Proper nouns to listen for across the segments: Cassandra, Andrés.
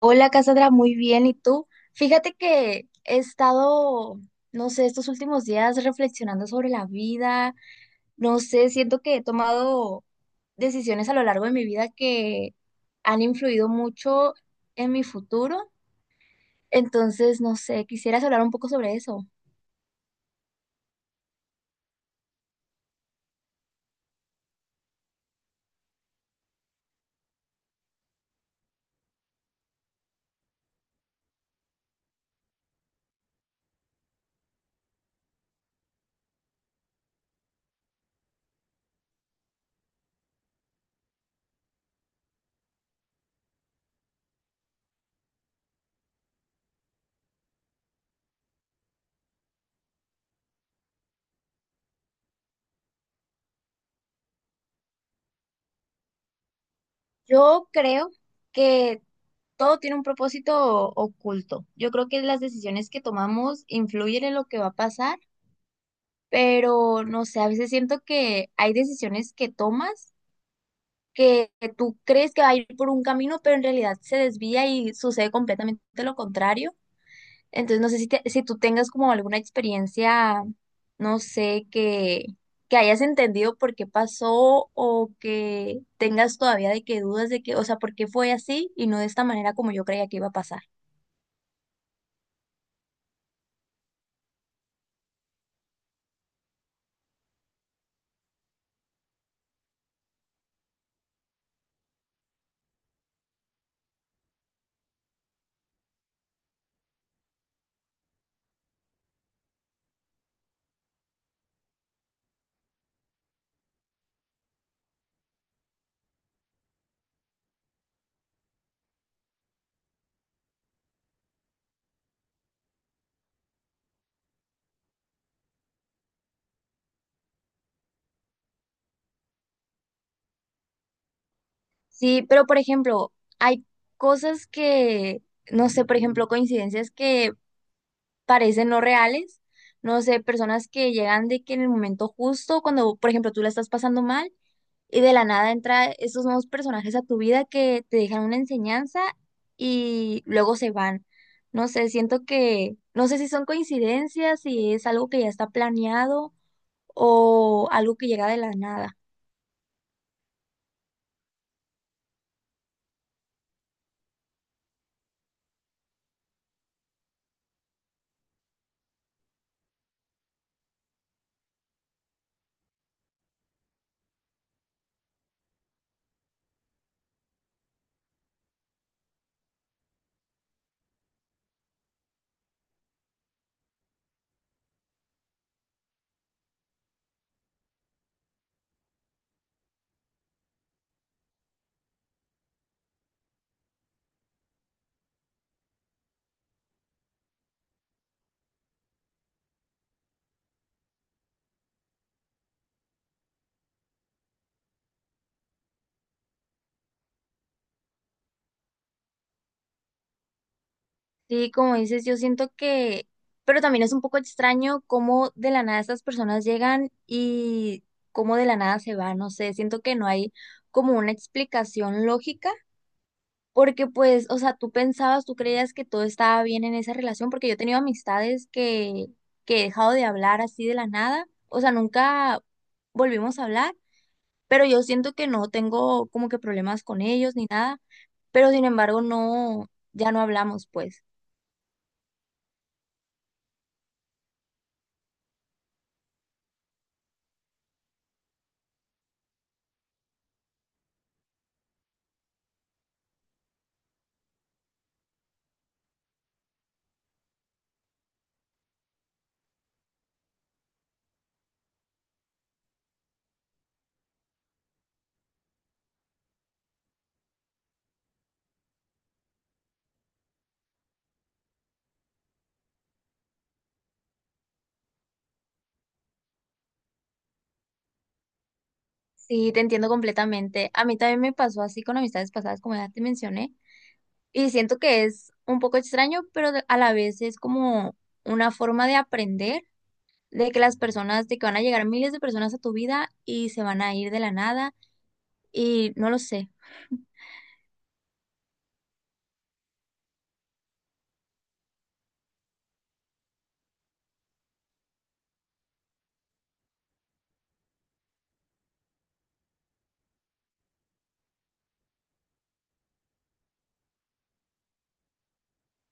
Hola Cassandra, muy bien. ¿Y tú? Fíjate que he estado, no sé, estos últimos días reflexionando sobre la vida. No sé, siento que he tomado decisiones a lo largo de mi vida que han influido mucho en mi futuro. Entonces, no sé, quisieras hablar un poco sobre eso. Yo creo que todo tiene un propósito oculto. Yo creo que las decisiones que tomamos influyen en lo que va a pasar, pero no sé, a veces siento que hay decisiones que tomas que tú crees que va a ir por un camino, pero en realidad se desvía y sucede completamente lo contrario. Entonces, no sé si, si tú tengas como alguna experiencia, no sé, que hayas entendido por qué pasó o que tengas todavía de que dudas de que, o sea, por qué fue así y no de esta manera como yo creía que iba a pasar. Sí, pero por ejemplo, hay cosas que, no sé, por ejemplo, coincidencias que parecen no reales. No sé, personas que llegan de que en el momento justo, cuando, por ejemplo, tú la estás pasando mal y de la nada entra estos nuevos personajes a tu vida que te dejan una enseñanza y luego se van. No sé, siento que, no sé si son coincidencias, si es algo que ya está planeado o algo que llega de la nada. Sí, como dices, yo siento que, pero también es un poco extraño cómo de la nada estas personas llegan y cómo de la nada se van, no sé, siento que no hay como una explicación lógica, porque pues, o sea, tú pensabas, tú creías que todo estaba bien en esa relación, porque yo he tenido amistades que he dejado de hablar así de la nada, o sea, nunca volvimos a hablar, pero yo siento que no tengo como que problemas con ellos ni nada, pero sin embargo no, ya no hablamos pues. Sí, te entiendo completamente. A mí también me pasó así con amistades pasadas, como ya te mencioné, y siento que es un poco extraño, pero a la vez es como una forma de aprender de que las personas, de que van a llegar miles de personas a tu vida y se van a ir de la nada, y no lo sé,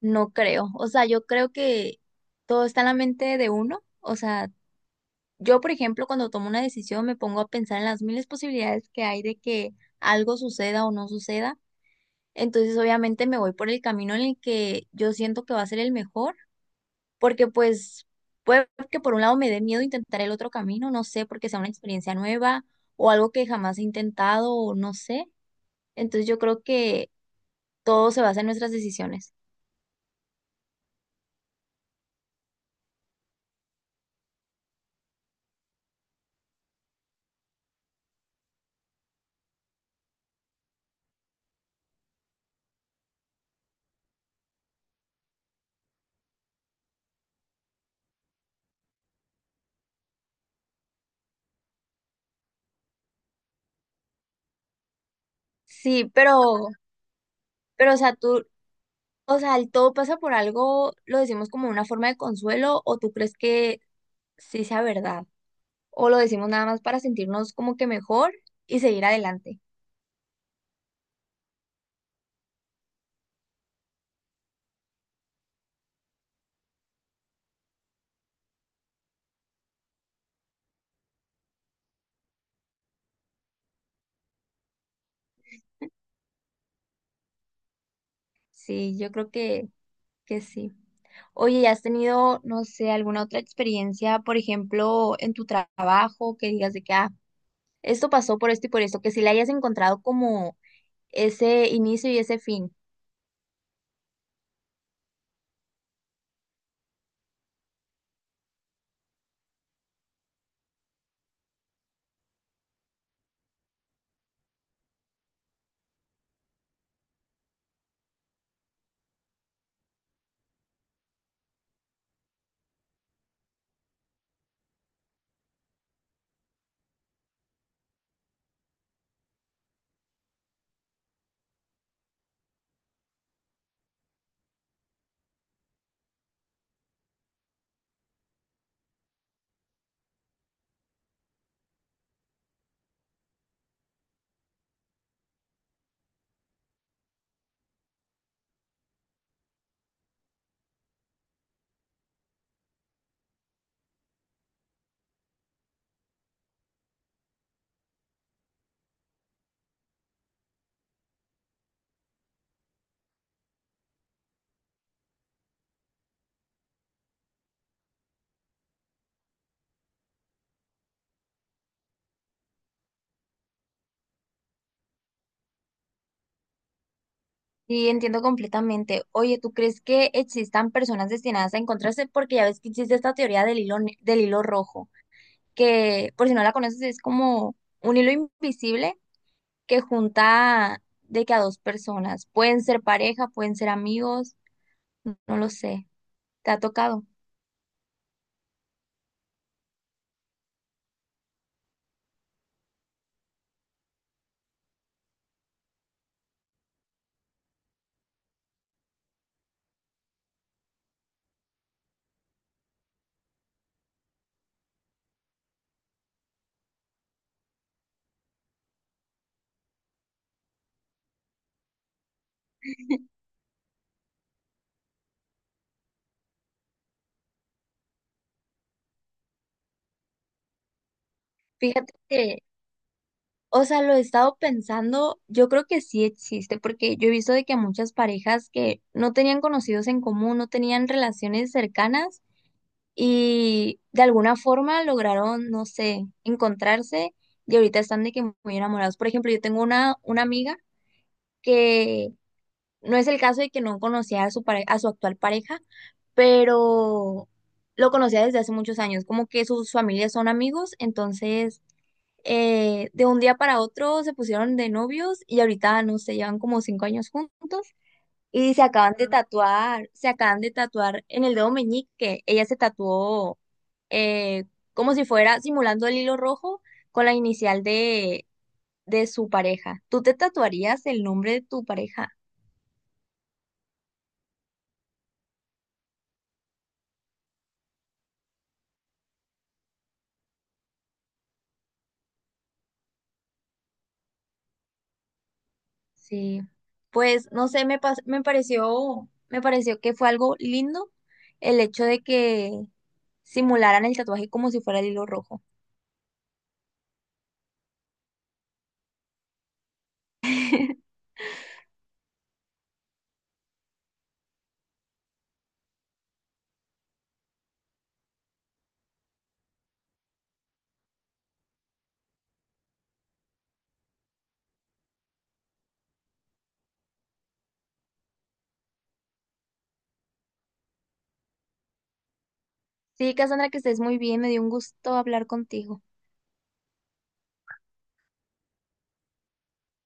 no creo. O sea, yo creo que todo está en la mente de uno. O sea, yo, por ejemplo, cuando tomo una decisión me pongo a pensar en las miles posibilidades que hay de que algo suceda o no suceda. Entonces, obviamente me voy por el camino en el que yo siento que va a ser el mejor, porque pues puede que por un lado me dé miedo intentar el otro camino, no sé, porque sea una experiencia nueva o algo que jamás he intentado o no sé. Entonces, yo creo que todo se basa en nuestras decisiones. Sí, pero, o sea, tú, o sea, el todo pasa por algo, lo decimos como una forma de consuelo, o tú crees que sí sea verdad, o lo decimos nada más para sentirnos como que mejor y seguir adelante. Sí, yo creo que sí. Oye, ¿y has tenido, no sé, alguna otra experiencia, por ejemplo, en tu trabajo, que digas de que, ah, esto pasó por esto y por esto, que si le hayas encontrado como ese inicio y ese fin? Sí, entiendo completamente. Oye, ¿tú crees que existan personas destinadas a encontrarse? Porque ya ves que existe esta teoría del hilo, del hilo rojo, que por si no la conoces es como un hilo invisible que junta de que a dos personas, pueden ser pareja, pueden ser amigos, no lo sé, ¿te ha tocado? Fíjate que, o sea, lo he estado pensando, yo creo que sí existe, porque yo he visto de que muchas parejas que no tenían conocidos en común, no tenían relaciones cercanas y de alguna forma lograron, no sé, encontrarse y ahorita están de que muy enamorados. Por ejemplo, yo tengo una amiga que no es el caso de que no conocía a su a su actual pareja, pero lo conocía desde hace muchos años, como que sus familias son amigos, entonces de un día para otro se pusieron de novios y ahorita, no sé, llevan como 5 años juntos y se acaban de tatuar, se acaban de tatuar en el dedo meñique. Ella se tatuó, eh, como si fuera simulando el hilo rojo con la inicial de su pareja. ¿Tú te tatuarías el nombre de tu pareja? Sí. Pues no sé, me, me pareció que fue algo lindo el hecho de que simularan el tatuaje como si fuera el hilo rojo. Sí, Cassandra, que estés muy bien. Me dio un gusto hablar contigo.